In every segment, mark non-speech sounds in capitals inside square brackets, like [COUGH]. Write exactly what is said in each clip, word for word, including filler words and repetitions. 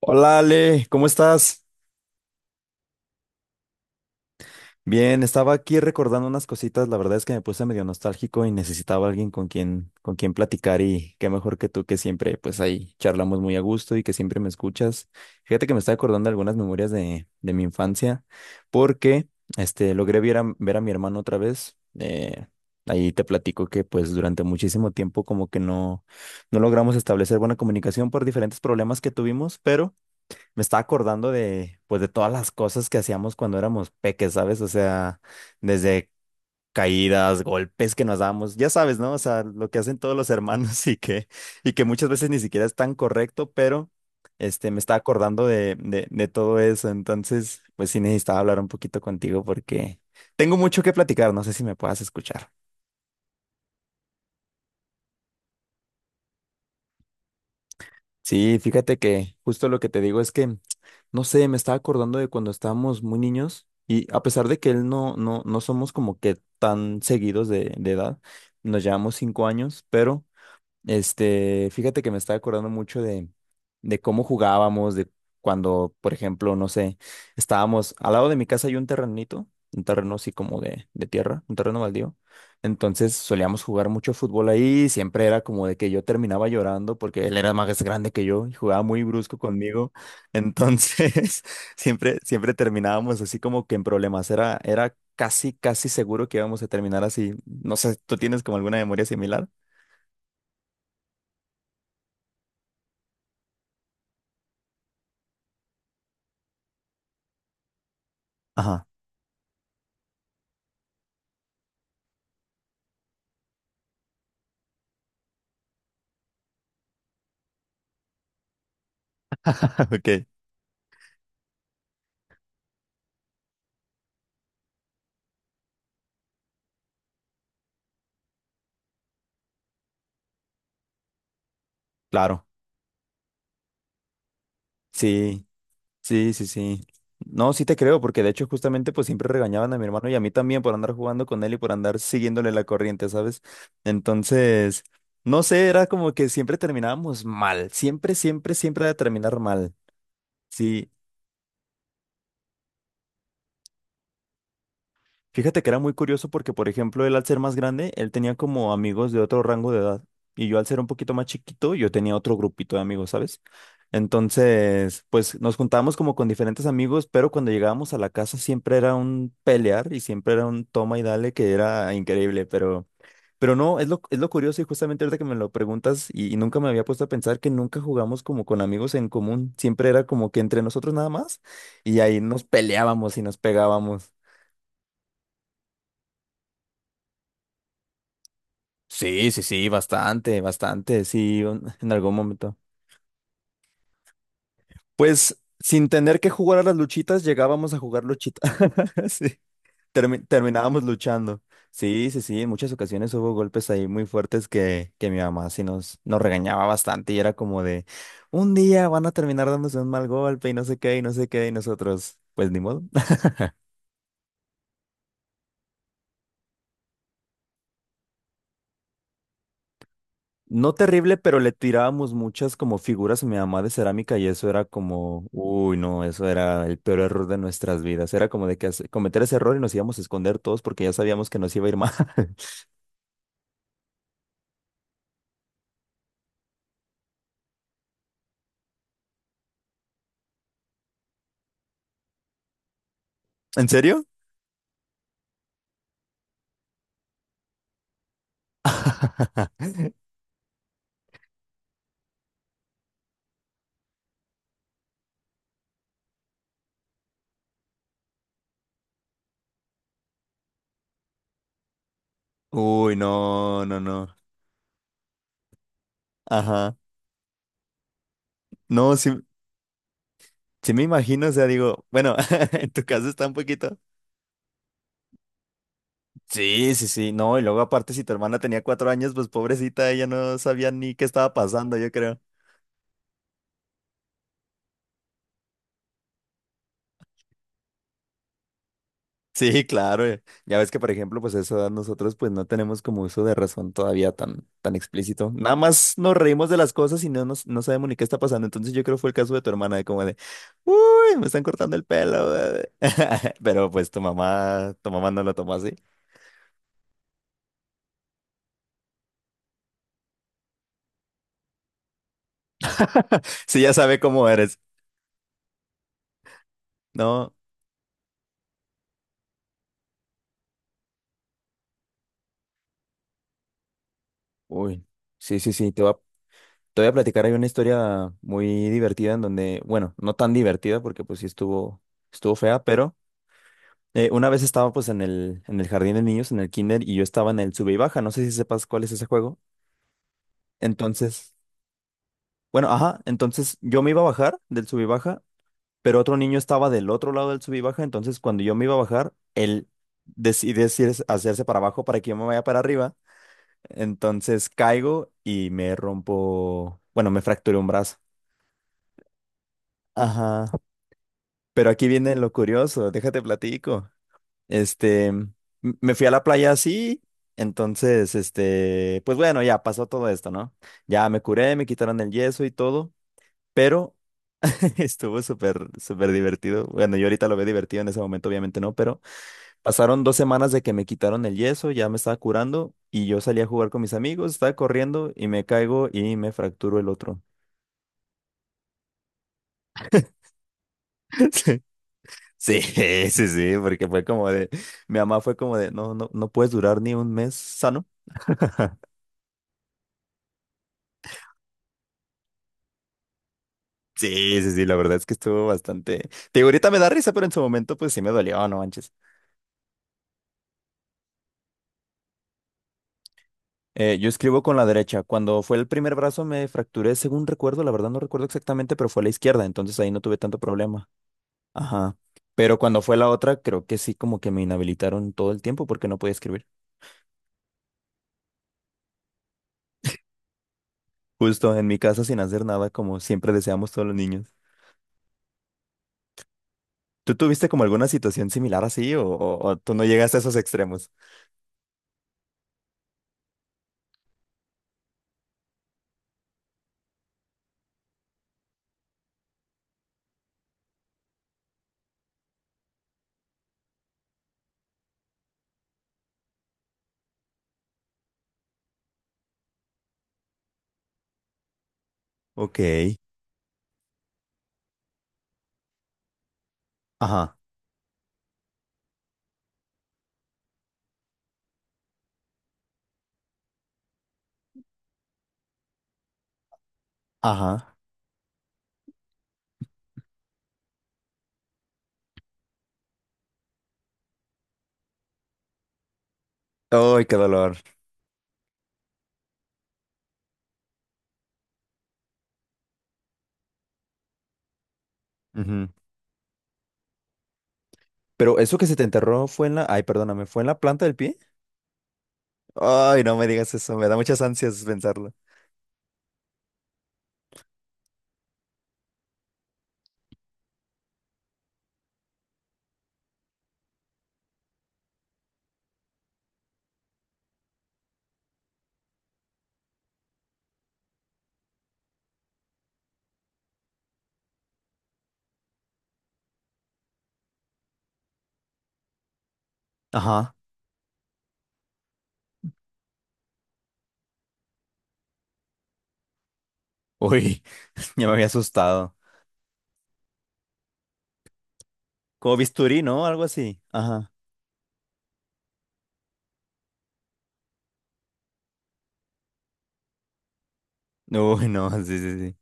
Hola Ale, ¿cómo estás? Bien, estaba aquí recordando unas cositas, la verdad es que me puse medio nostálgico y necesitaba alguien con quien con quien platicar y qué mejor que tú que siempre pues ahí charlamos muy a gusto y que siempre me escuchas. Fíjate que me está acordando de, algunas memorias de, de mi infancia porque este logré ver a, ver a mi hermano otra vez. Eh, ahí te platico que pues durante muchísimo tiempo como que no no logramos establecer buena comunicación por diferentes problemas que tuvimos, pero me estaba acordando de, pues, de todas las cosas que hacíamos cuando éramos peques, ¿sabes? O sea, desde caídas, golpes que nos dábamos, ya sabes, ¿no? O sea, lo que hacen todos los hermanos [LAUGHS] y que, y que muchas veces ni siquiera es tan correcto, pero, este, me estaba acordando de, de, de todo eso. Entonces, pues sí necesitaba hablar un poquito contigo porque tengo mucho que platicar, no sé si me puedas escuchar. Sí, fíjate que justo lo que te digo es que, no sé, me estaba acordando de cuando estábamos muy niños y a pesar de que él no, no, no somos como que tan seguidos de, de edad, nos llevamos cinco años, pero este, fíjate que me estaba acordando mucho de, de cómo jugábamos, de cuando, por ejemplo, no sé, estábamos al lado de mi casa hay un terrenito, un terreno así como de, de tierra, un terreno baldío. Entonces solíamos jugar mucho fútbol ahí, y siempre era como de que yo terminaba llorando porque él era más grande que yo y jugaba muy brusco conmigo. Entonces, [LAUGHS] siempre, siempre terminábamos así como que en problemas. Era, era casi, casi seguro que íbamos a terminar así. No sé, ¿tú tienes como alguna memoria similar? Ajá, [LAUGHS] ok. Claro, sí, sí, sí, sí. No, sí te creo, porque de hecho justamente pues siempre regañaban a mi hermano y a mí también por andar jugando con él y por andar siguiéndole la corriente, ¿sabes? Entonces, no sé, era como que siempre terminábamos mal, siempre, siempre, siempre de terminar mal. Sí, fíjate que era muy curioso porque, por ejemplo, él al ser más grande, él tenía como amigos de otro rango de edad. Y yo al ser un poquito más chiquito, yo tenía otro grupito de amigos, ¿sabes? Entonces, pues nos juntábamos como con diferentes amigos, pero cuando llegábamos a la casa siempre era un pelear y siempre era un toma y dale que era increíble, pero... Pero no, es lo, es lo curioso y justamente ahorita que me lo preguntas y, y nunca me había puesto a pensar que nunca jugamos como con amigos en común, siempre era como que entre nosotros nada más y ahí nos peleábamos y nos pegábamos. Sí, sí, sí, bastante, bastante, sí, un- [LAUGHS] en algún momento. Pues sin tener que jugar a las luchitas, llegábamos a jugar luchitas. [LAUGHS] Sí, termi- terminábamos luchando. Sí, sí, sí, en muchas ocasiones hubo golpes ahí muy fuertes que, que mi mamá sí nos, nos regañaba bastante y era como de, un día van a terminar dándose un mal golpe y no sé qué, y no sé qué, y nosotros, pues ni modo. No terrible, pero le tirábamos muchas como figuras a mi mamá de cerámica y eso era como, uy, no, eso era el peor error de nuestras vidas. Era como de que hace- cometer ese error y nos íbamos a esconder todos porque ya sabíamos que nos iba a ir mal. [LAUGHS] ¿En serio? [LAUGHS] Uy, no, no, no. Ajá. No, sí, sí me imagino, o sea, digo, bueno, [LAUGHS] en tu caso está un poquito. Sí, sí, sí, no, y luego aparte si tu hermana tenía cuatro años, pues pobrecita, ella no sabía ni qué estaba pasando, yo creo. Sí, claro. Eh. Ya ves que, por ejemplo, pues a esa edad nosotros pues no tenemos como uso de razón todavía tan, tan explícito. Nada más nos reímos de las cosas y no, nos, no sabemos ni qué está pasando. Entonces yo creo que fue el caso de tu hermana, de como de, uy, me están cortando el pelo. Bebé". [LAUGHS] Pero pues tu mamá, tu mamá no lo tomó así. Sí, ya sabe cómo eres. No, uy, sí, sí, sí, te voy a, te voy a platicar. Hay una historia muy divertida en donde, bueno, no tan divertida porque pues sí estuvo, estuvo fea, pero... Eh, una vez estaba pues en el, en el jardín de niños, en el kinder, y yo estaba en el sube y baja, no sé si sepas cuál es ese juego. Entonces, bueno, ajá, entonces yo me iba a bajar del sube y baja, pero otro niño estaba del otro lado del sube y baja, entonces cuando yo me iba a bajar, él decide hacer- hacerse para abajo para que yo me vaya para arriba, entonces caigo y me rompo, bueno, me fracturé un brazo. Ajá, pero aquí viene lo curioso, déjate platico. Este, m- me fui a la playa así, entonces, este, pues bueno, ya pasó todo esto, ¿no? Ya me curé, me quitaron el yeso y todo, pero [LAUGHS] estuvo súper, súper divertido. Bueno, yo ahorita lo veo divertido en ese momento, obviamente no, pero pasaron dos semanas de que me quitaron el yeso, ya me estaba curando y yo salí a jugar con mis amigos, estaba corriendo y me caigo y me fracturo el otro. [LAUGHS] Sí, sí, sí, sí, porque fue como de, mi mamá fue como de, no, no, no puedes durar ni un mes sano. Sí, sí, sí, la verdad es que estuvo bastante... Te digo, ahorita me da risa, pero en su momento pues sí me dolió, no manches. Eh, yo escribo con la derecha. Cuando fue el primer brazo me fracturé, según recuerdo, la verdad no recuerdo exactamente, pero fue la izquierda, entonces ahí no tuve tanto problema. Ajá. Pero cuando fue la otra, creo que sí, como que me inhabilitaron todo el tiempo porque no podía escribir. Justo en mi casa sin hacer nada, como siempre deseamos todos los niños. ¿Tú tuviste como alguna situación similar así o, o o tú no llegaste a esos extremos? Ok. Ajá. Ajá. ¡Ay, qué dolor! Pero eso que se te enterró fue en la... Ay, perdóname, ¿fue en la planta del pie? Ay, no me digas eso, me da muchas ansias pensarlo. Ajá. Uy, [LAUGHS] ya me había asustado. Como bisturí, ¿no? Algo así. Ajá. Uy, no, [LAUGHS] sí, sí, sí.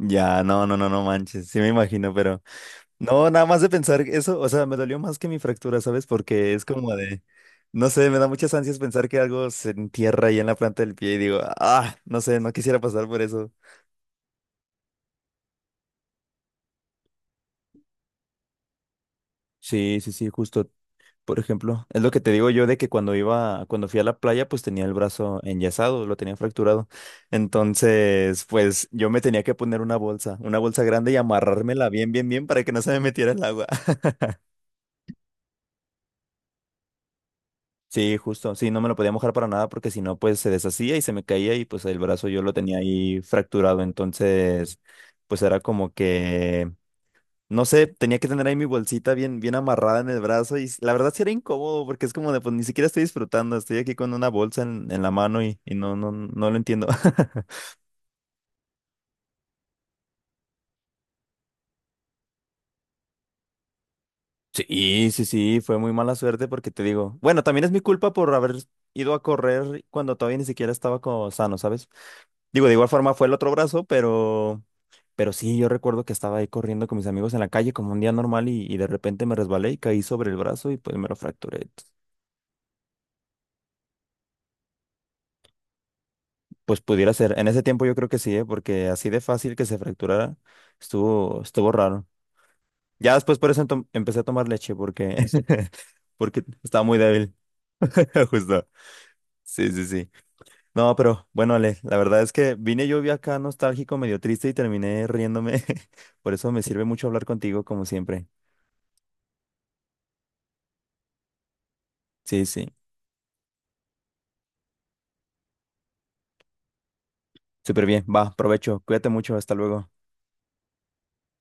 Ya, no, no, no, no manches, sí me imagino, pero... No, nada más de pensar eso, o sea, me dolió más que mi fractura, ¿sabes? Porque es como de... No sé, me da muchas ansias pensar que algo se entierra ahí en la planta del pie y digo, ah, no sé, no quisiera pasar por eso. Sí, sí, sí, justo. Por ejemplo. Es lo que te digo yo de que cuando iba, cuando fui a la playa, pues tenía el brazo enyesado, lo tenía fracturado. Entonces, pues yo me tenía que poner una bolsa, una bolsa grande y amarrármela bien, bien, bien para que no se me metiera el agua. [LAUGHS] Sí, justo, sí, no me lo podía mojar para nada porque si no, pues se deshacía y se me caía y pues el brazo yo lo tenía ahí fracturado. Entonces, pues era como que... No sé, tenía que tener ahí mi bolsita bien, bien amarrada en el brazo y s- la verdad sí era incómodo porque es como de, pues ni siquiera estoy disfrutando, estoy aquí con una bolsa en, en la mano y, y no, no, no lo entiendo. [LAUGHS] Sí, sí, sí, fue muy mala suerte porque te digo, bueno, también es mi culpa por haber ido a correr cuando todavía ni siquiera estaba como sano, ¿sabes? Digo, de igual forma fue el otro brazo, pero, pero sí, yo recuerdo que estaba ahí corriendo con mis amigos en la calle como un día normal y, y de repente me resbalé y caí sobre el brazo y pues me lo fracturé. Pues pudiera ser. En ese tiempo yo creo que sí, ¿eh? Porque así de fácil que se fracturara, estuvo, estuvo raro. Ya después por eso entom- empecé a tomar leche porque, [LAUGHS] porque estaba muy débil. [LAUGHS] Justo. Sí, sí, sí. No, pero bueno, Ale, la verdad es que vine yo vi acá nostálgico, medio triste y terminé riéndome. [LAUGHS] Por eso me sirve mucho hablar contigo, como siempre. Sí, sí. Súper bien. Va, provecho. Cuídate mucho. Hasta luego.